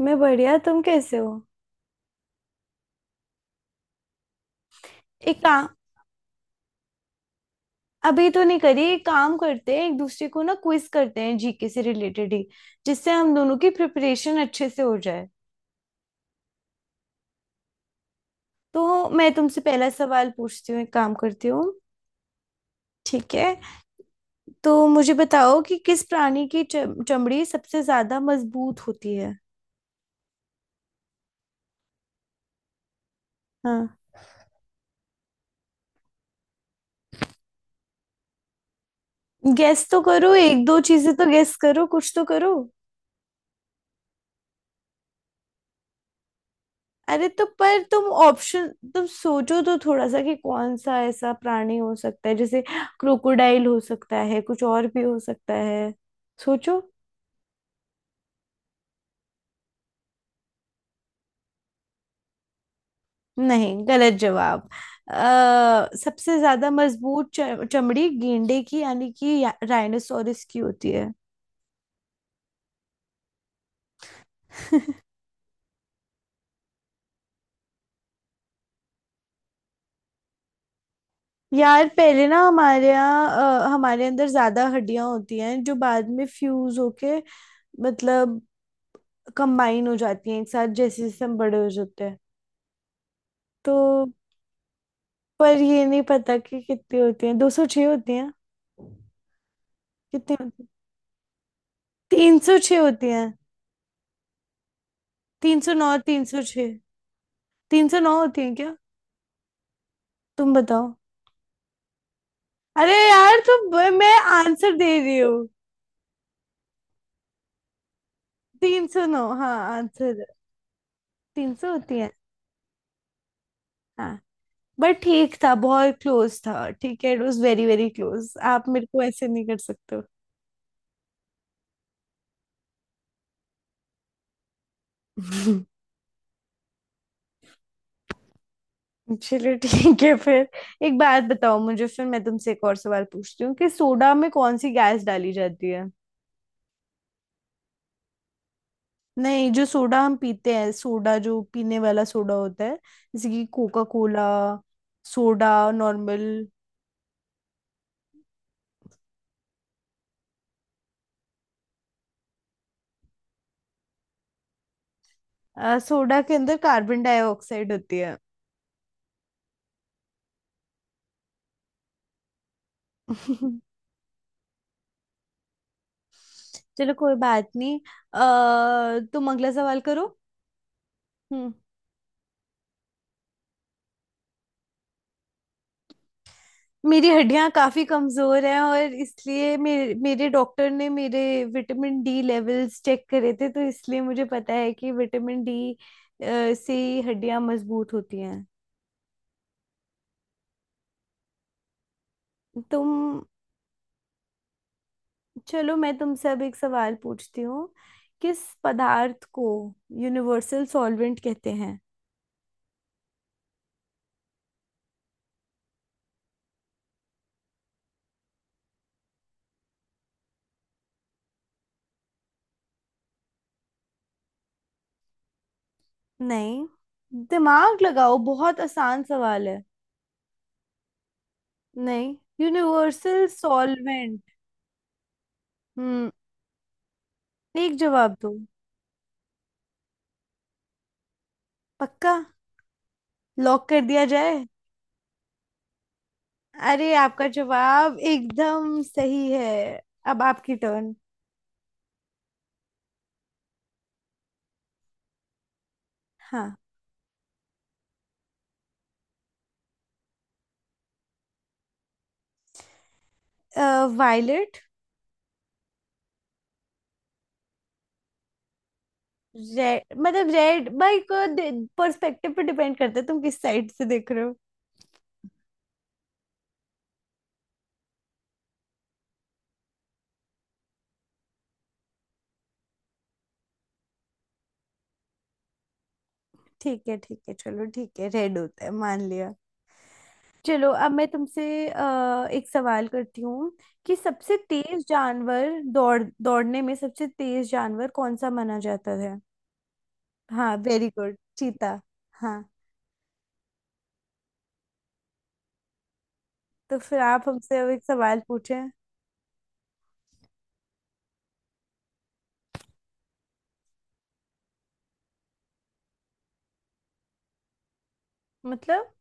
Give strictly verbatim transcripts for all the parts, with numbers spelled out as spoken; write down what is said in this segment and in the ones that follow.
मैं बढ़िया। तुम कैसे हो? एक काम। अभी तो नहीं करी। एक काम करते हैं, एक दूसरे को ना क्विज करते हैं, जीके से रिलेटेड ही। जिससे हम दोनों की प्रिपरेशन अच्छे से हो जाए। तो मैं तुमसे पहला सवाल पूछती हूँ, एक काम करती हूँ। ठीक है। तो मुझे बताओ कि किस प्राणी की चम- चमड़ी सबसे ज्यादा मजबूत होती है? हाँ। गैस तो करो, एक दो चीजें तो गैस करो, कुछ तो करो। अरे तो पर तुम ऑप्शन। तुम सोचो तो थोड़ा सा कि कौन सा ऐसा प्राणी हो सकता है। जैसे क्रोकोडाइल हो सकता है, कुछ और भी हो सकता है। सोचो। नहीं, गलत जवाब। अ सबसे ज्यादा मजबूत च- चमड़ी गेंडे की यानी कि राइनोसोरस की होती है। यार पहले ना हमारे यहाँ अ, हमारे अंदर ज्यादा हड्डियां होती हैं जो बाद में फ्यूज होके, मतलब कंबाइन हो जाती हैं एक साथ, जैसे जैसे हम बड़े हो जाते हैं। तो। पर ये नहीं पता कि कितनी होती हैं। दो सौ छह होती हैं। कितनी होती हैं? तीन सौ छह होती हैं। तीन सौ नौ, तीन सौ छह। तीन सौ नौ होती हैं क्या? तुम बताओ। अरे यार तुम। मैं आंसर दे रही हूँ। तीन सौ नौ, हाँ, आंसर। तीन सौ होती है। हाँ। बट ठीक था, बहुत क्लोज था, ठीक है। It was very very close. आप मेरे को ऐसे नहीं कर सकते हो। चलो ठीक है फिर। एक बात बताओ मुझे, फिर मैं तुमसे एक और सवाल पूछती हूँ कि सोडा में कौन सी गैस डाली जाती है? नहीं, जो सोडा हम पीते हैं, सोडा जो पीने वाला सोडा होता है, जैसे कि Coca Cola. Soda normal. Soda के अंदर कार्बन डाइऑक्साइड होती है। चलो कोई बात नहीं। अ, तुम अगला सवाल करो। हम्म। मेरी हड्डियां काफी कमजोर हैं। और इसलिए मेरे मेरे डॉक्टर ने मेरे विटामिन डी लेवल्स चेक करे थे, तो इसलिए मुझे पता है कि विटामिन डी से हड्डियां मजबूत होती हैं। तुम। चलो मैं तुमसे अब एक सवाल पूछती हूँ, किस पदार्थ को यूनिवर्सल सॉल्वेंट कहते हैं? नहीं। दिमाग लगाओ, बहुत आसान सवाल है। नहीं। Universal solvent. हम्म। एक जवाब दो। पक्का। लॉक कर दिया जाए। अरे, आपका जवाब एकदम सही है। अब आपकी टर्न। हाँ। वायलेट। रेड मतलब, रेड भाई को पर्सपेक्टिव पे डिपेंड करता है, तुम किस साइड से देख रहे हो? ठीक है, ठीक है, चलो ठीक है, रेड होता है, मान लिया। चलो अब मैं तुमसे अ, एक सवाल करती हूँ कि सबसे तेज जानवर दौड़ दौड़ने में सबसे तेज जानवर कौन सा माना जाता है? हाँ, वेरी गुड, चीता। हाँ। तो फिर आप हमसे अब एक सवाल पूछें। मतलब।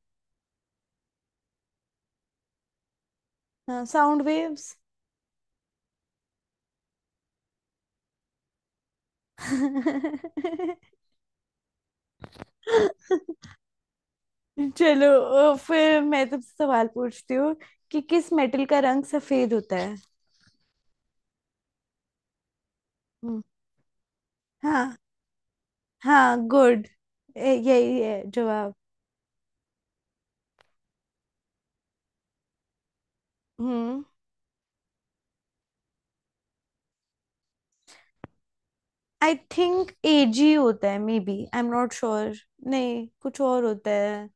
Sound waves. चलो अ, फिर मैं तुमसे सवाल पूछती हूँ कि किस मेटल का रंग सफेद होता है? हम्म। हाँ। हाँ, गुड। यही है जवाब। हम्म। आई थिंक एजी होता है, maybe I am not sure. नहीं, कुछ और होता है।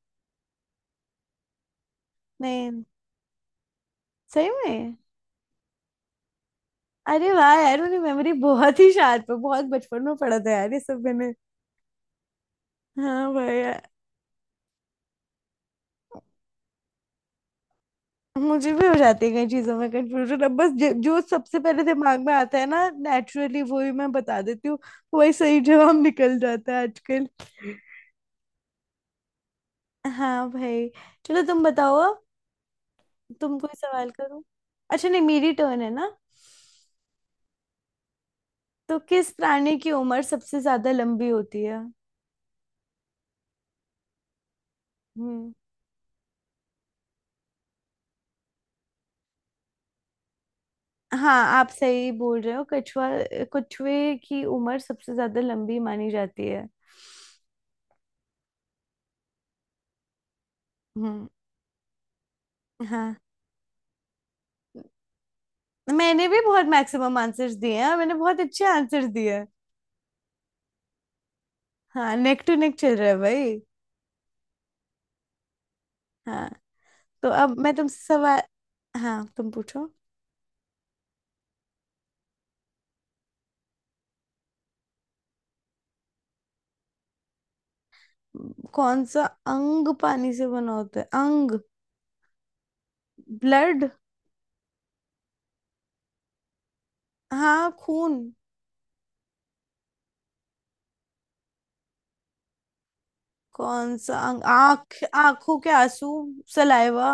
नहीं। सही में। अरे वाह यार, मेरी मेमोरी बहुत ही शार्प है। बहुत बचपन में पढ़ा था यार ये सब मैंने। हाँ भाई यार। मुझे भी हो जाती है कई चीजों में कंफ्यूजन। अब बस जो जो सबसे पहले दिमाग में आता है ना नेचुरली, वो ही मैं बता देती हूँ। वही सही जवाब निकल जाता है आजकल। हाँ भाई। चलो तुम बताओ। तुम कोई सवाल करो। अच्छा नहीं, मेरी टर्न है ना। तो किस प्राणी की उम्र सबसे ज्यादा लंबी होती है? हम्म। हाँ, आप सही बोल रहे हो, कछुआ। कछुए की उम्र सबसे ज्यादा लंबी मानी जाती है। हम्म। हाँ। मैंने भी बहुत मैक्सिमम आंसर्स दिए हैं। मैंने बहुत अच्छे आंसर्स दिए हैं। हाँ, नेक टू नेक चल रहा है भाई। हाँ। तो अब मैं तुमसे सवाल। हाँ, तुम पूछो। कौन सा अंग पानी से बना होता है, अंग? ब्लड। हाँ, खून। कौन सा अंग? आंख? आंखों के आंसू? सलाइवा?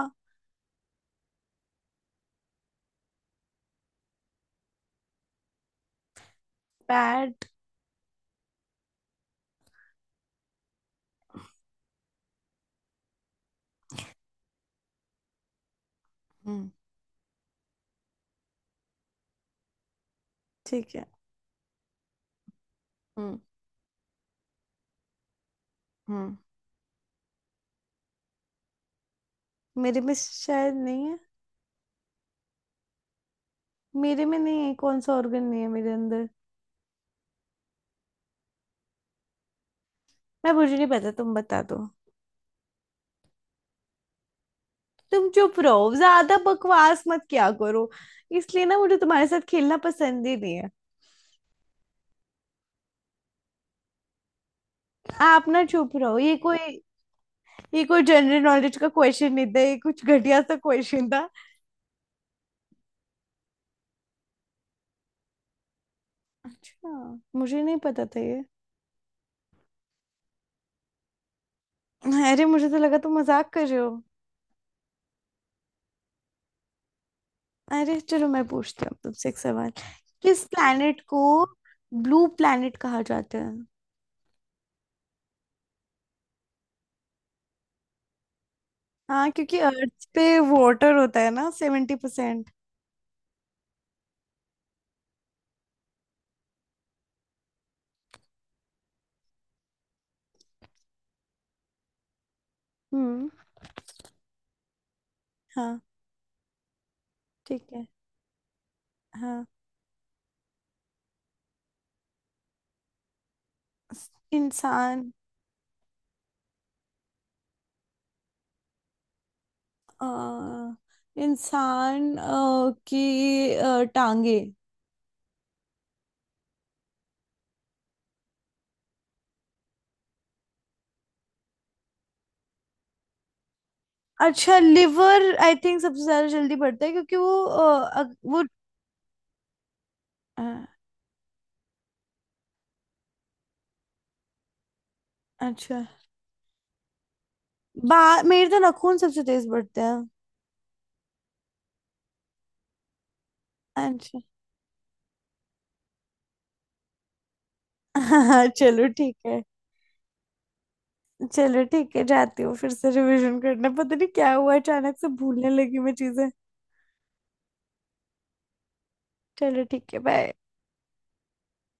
पैड? हम्म। ठीक है। हम्म। हम्म। मेरे में शायद नहीं है। मेरे में नहीं है? कौन सा ऑर्गन नहीं है मेरे अंदर? मैं मुझे नहीं पता, तुम बता दो। तुम चुप रहो, ज्यादा बकवास मत किया करो। इसलिए ना मुझे तुम्हारे साथ खेलना पसंद ही नहीं है। आप ना चुप रहो, ये कोई। ये कोई जनरल नॉलेज का क्वेश्चन नहीं था, ये कुछ घटिया सा क्वेश्चन था। अच्छा। मुझे नहीं पता था ये। अरे मुझे तो लगा तुम मजाक कर रहे हो। अरे चलो, मैं पूछती हूँ अब तुमसे एक सवाल। किस प्लैनेट को ब्लू प्लैनेट कहा जाता है? हाँ क्योंकि अर्थ पे वाटर होता है ना, सेवेंटी परसेंट। हम्म। हाँ। ठीक है। हाँ। इंसान अ, इंसान अ, की अ, टांगे। अच्छा, लिवर आई थिंक सबसे ज्यादा जल्दी बढ़ता है क्योंकि वो अ, अग- वो। अ, अच्छा। बा मेरे तो नाखून सबसे तेज बढ़ते हैं। अच्छा। चलो ठीक है। चलो ठीक है, जाती हूँ फिर से रिवीजन करना। पता नहीं क्या हुआ, अचानक से भूलने लगी मैं चीजें। चलो ठीक है, बाय।